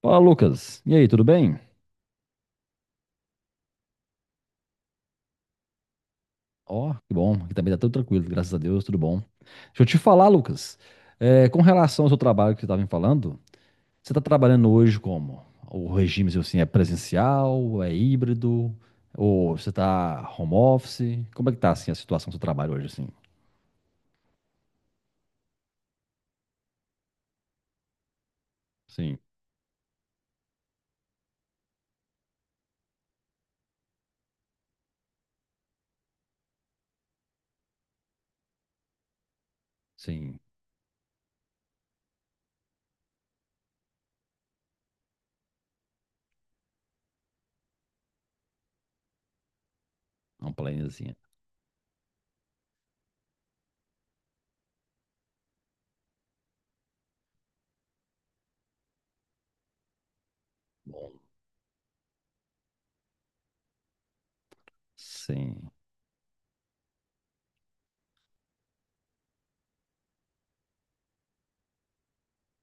Fala, Lucas. E aí, tudo bem? Ó, que bom. Aqui também tá tudo tranquilo, graças a Deus, tudo bom. Deixa eu te falar, Lucas. Com relação ao seu trabalho que você estava me falando, você está trabalhando hoje como? O regime, seu, assim, é presencial, é híbrido, ou você está home office? Como é que tá, assim, a situação do seu trabalho hoje, assim? Sim, sim. Um plane, assim. Bom, sim.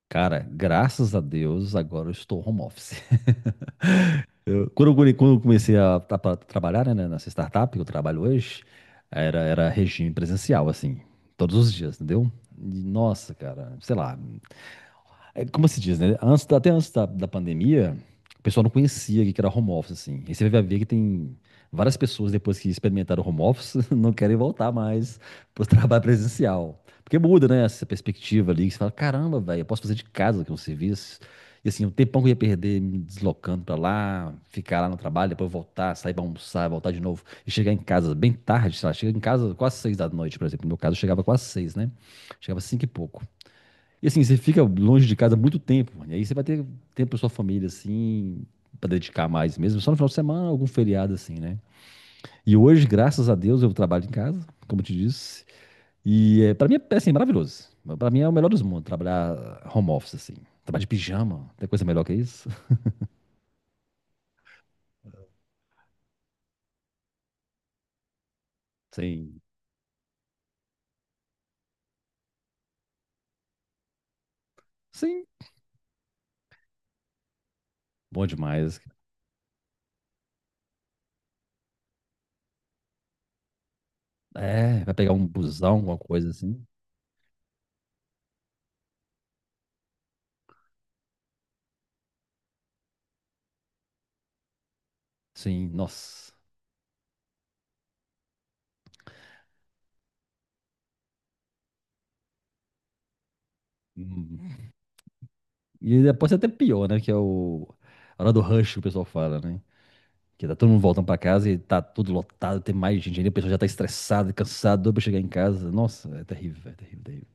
Cara, graças a Deus, agora eu estou home office. Quando eu comecei a, tra- pra trabalhar, né, nessa startup que eu trabalho hoje, era regime presencial, assim, todos os dias, entendeu? E, nossa, cara, sei lá, é, como se diz, né? Antes, até antes da pandemia, o pessoal não conhecia que era home office, assim. E você vai ver que tem várias pessoas, depois que experimentaram home office, não querem voltar mais pro trabalho presencial. Porque muda, né? Essa perspectiva ali, que você fala, caramba, velho, eu posso fazer de casa que é um serviço. E assim, o tempão que eu ia perder me deslocando pra lá, ficar lá no trabalho, depois voltar, sair pra almoçar, voltar de novo e chegar em casa bem tarde, sei lá, chega em casa quase seis da noite, por exemplo. No meu caso, eu chegava quase seis, né? Chegava cinco e pouco. E assim, você fica longe de casa muito tempo, mano. E aí você vai ter tempo pra sua família, assim, pra dedicar mais mesmo. Só no final de semana, algum feriado, assim, né? E hoje, graças a Deus, eu trabalho em casa, como eu te disse. E é, pra mim é, assim, maravilhoso. Pra mim é o melhor dos mundos, trabalhar home office, assim. Trabalhar de pijama, tem coisa melhor que isso? Sim. Sim, bom demais. É, vai pegar um busão, alguma coisa assim. Sim, nossa. Hum. E depois é até pior, né? Que é o... a hora do rush que o pessoal fala, né? Que tá todo mundo voltando pra casa e tá tudo lotado, tem mais gente ainda, a pessoa já tá estressada, cansada, doida pra chegar em casa. Nossa, é terrível, terrível.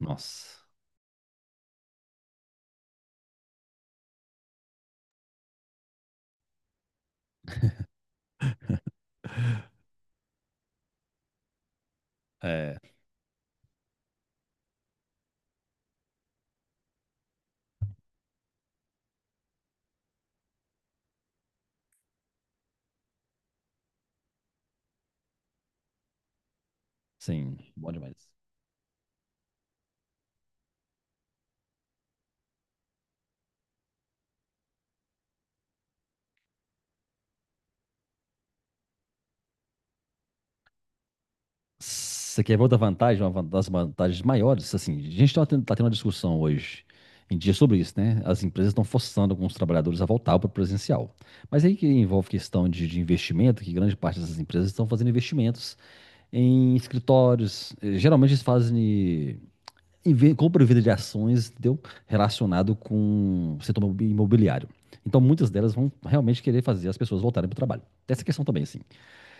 Nossa. É, sim, bom demais. Você quer ver outra vantagem, uma das vantagens maiores? Assim, a gente tá tendo uma discussão hoje em dia sobre isso, né? As empresas estão forçando alguns trabalhadores a voltar para o presencial. Mas aí que envolve questão de investimento, que grande parte dessas empresas estão fazendo investimentos em escritórios. Geralmente eles fazem compra e venda de ações, entendeu? Relacionado com o setor imobiliário. Então, muitas delas vão realmente querer fazer as pessoas voltarem para o trabalho. Tem essa questão também, assim.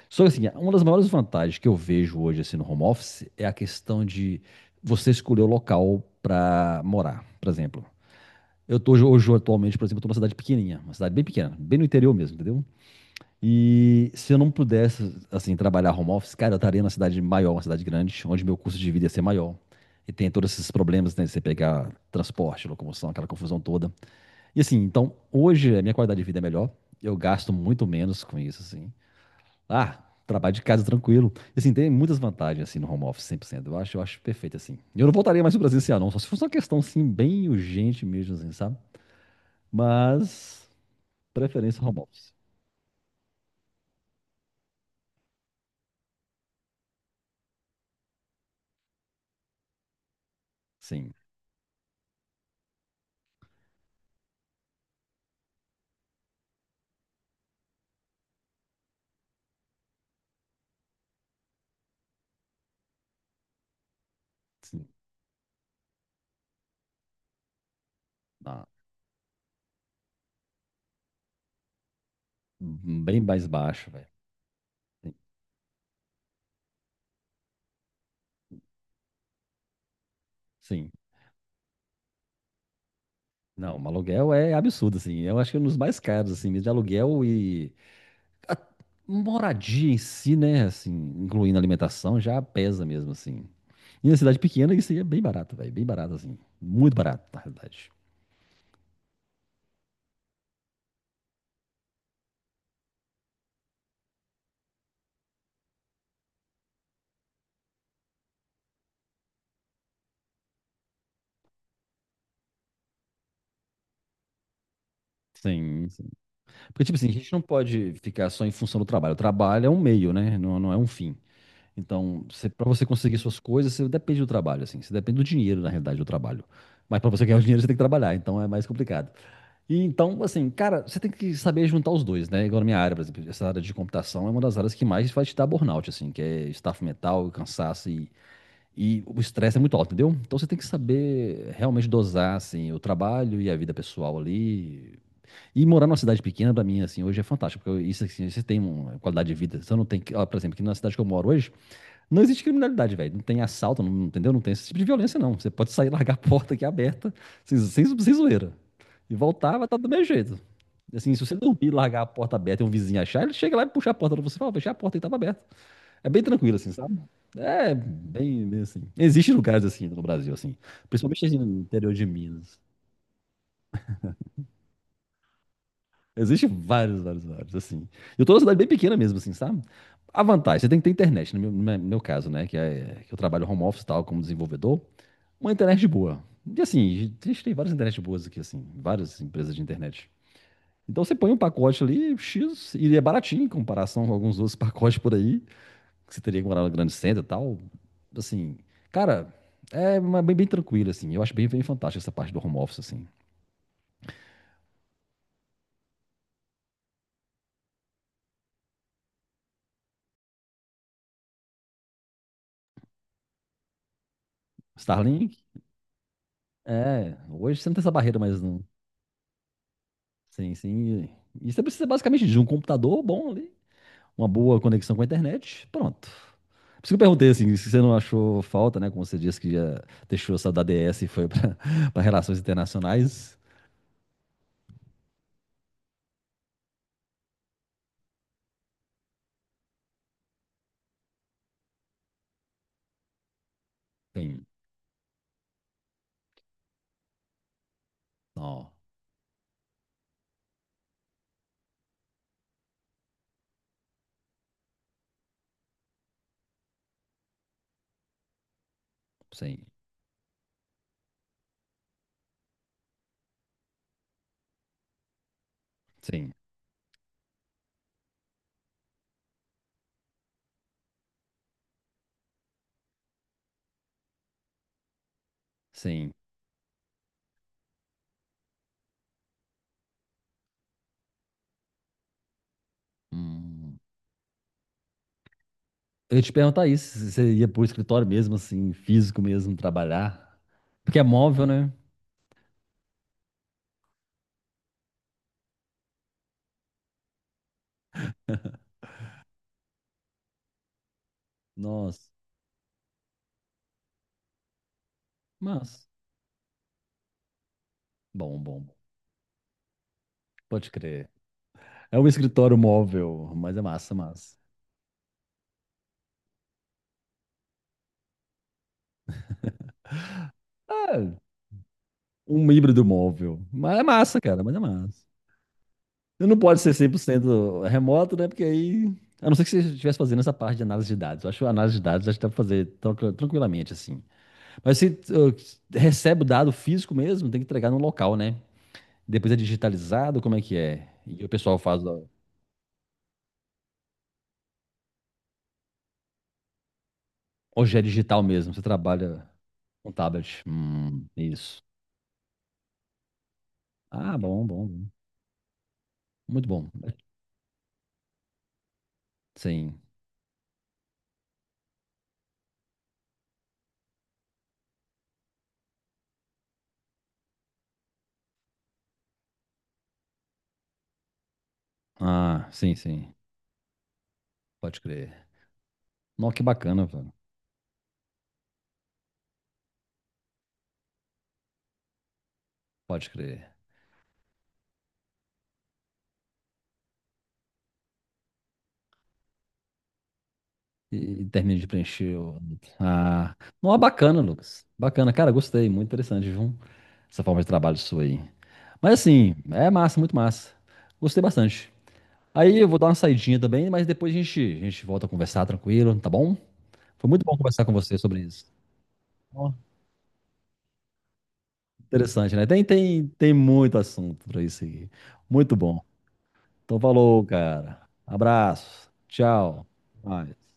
Só que, assim, é uma das maiores vantagens que eu vejo hoje, assim, no home office é a questão de você escolher o local para morar, por exemplo. Eu hoje, atualmente, por exemplo, eu tô numa cidade pequenininha, uma cidade bem pequena, bem no interior mesmo, entendeu? E se eu não pudesse, assim, trabalhar home office, cara, eu estaria numa cidade maior, uma cidade grande, onde meu custo de vida ia ser maior. E tem todos esses problemas, né, de você pegar transporte, locomoção, aquela confusão toda. E assim, então, hoje a minha qualidade de vida é melhor, eu gasto muito menos com isso, assim. Ah, trabalho de casa tranquilo. E assim, tem muitas vantagens, assim, no home office, 100%, eu acho perfeito, assim. E eu não voltaria mais pro presencial, não, só se fosse uma questão, assim, bem urgente mesmo, assim, sabe? Mas, preferência home office. Sim, sim. Ah. Uhum, bem mais baixo, velho. Sim. Sim. Não, um aluguel é absurdo, assim. Eu acho que é um dos mais caros, assim, mesmo de aluguel e a moradia em si, né? Assim, incluindo alimentação, já pesa mesmo, assim. E na cidade pequena, isso aí é bem barato, velho. Bem barato, assim. Muito barato, na realidade. Sim, sim. Porque, tipo assim, a gente não pode ficar só em função do trabalho. O trabalho é um meio, né? Não, não é um fim. Então, você, para você conseguir suas coisas, você depende do trabalho, assim. Você depende do dinheiro, na realidade, do trabalho. Mas para você ganhar o dinheiro, você tem que trabalhar. Então, é mais complicado. E então, assim, cara, você tem que saber juntar os dois, né? Igual na minha área, por exemplo, essa área de computação é uma das áreas que mais vai te dar burnout, assim, que é estafo mental, cansaço e o estresse é muito alto, entendeu? Então você tem que saber realmente dosar, assim, o trabalho e a vida pessoal ali. E morar numa cidade pequena, pra mim, assim, hoje é fantástico, porque isso, assim, você tem uma qualidade de vida. Você não tem que, ó, por exemplo, aqui na cidade que eu moro hoje, não existe criminalidade, velho. Não tem assalto, não, entendeu? Não tem esse tipo de violência, não. Você pode sair, e largar a porta aqui aberta, sem zoeira. E voltar, vai estar do mesmo jeito. Assim, se você dormir, largar a porta aberta e um vizinho achar, ele chega lá e puxa a porta pra você e fala, fechar a porta e tava aberta. É bem tranquilo, assim, sabe? É bem, bem assim. Existem lugares assim no Brasil, assim. Principalmente assim, no interior de Minas. Existem vários, vários, vários, assim. Eu tô numa cidade bem pequena mesmo, assim, sabe? A vantagem, você tem que ter internet, no meu caso, né? Que, é, que eu trabalho home office e tal, como desenvolvedor. Uma internet boa. E assim, a gente tem várias internet boas aqui, assim, várias empresas de internet. Então você põe um pacote ali, X, e é baratinho em comparação com alguns outros pacotes por aí, que você teria que morar no grande centro e tal. Assim, cara, é bem, bem tranquilo, assim. Eu acho bem, bem fantástico essa parte do home office, assim. Starlink, é, hoje você não tem essa barreira mais, não. Sim, sim. E você precisa basicamente de um computador bom ali uma boa conexão com a internet, pronto. Por isso que eu perguntei assim, se você não achou falta, né? Como você disse que já deixou essa da DS e foi para relações internacionais. Sim, não, sim, sim, sim. Hum. Eu ia te perguntar isso, se você ia pro escritório mesmo, assim, físico mesmo, trabalhar. Porque é móvel, né? Nossa, mas, bom, bom, bom. Pode crer. É um escritório móvel, mas é massa, massa. Ah, um híbrido móvel. Mas é massa, cara, mas é massa. Não pode ser cem por cento remoto, né? Porque aí. A não ser que você estivesse fazendo essa parte de análise de dados. Eu acho que a análise de dados acho que dá para fazer tranquilamente, assim. Mas se recebe o dado físico mesmo, tem que entregar no local, né? Depois é digitalizado, como é que é? E o pessoal faz. Ó, hoje é digital mesmo, você trabalha com tablet. Isso. Ah, bom, bom, bom. Muito bom. Sim. Ah, sim, sim. Pode crer. Nossa, que bacana, velho. Pode crer. E, termino de preencher. O- Ah, não, é bacana, Lucas. Bacana, cara, gostei. Muito interessante, viu? Essa forma de trabalho sua aí. Mas assim, é massa, muito massa. Gostei bastante. Aí eu vou dar uma saidinha também, mas a gente volta a conversar tranquilo, tá bom? Foi muito bom conversar com você sobre isso. Ó, interessante, né? Tem, tem, tem muito assunto pra isso aqui. Muito bom. Então, falou, cara. Abraço. Tchau. Vai.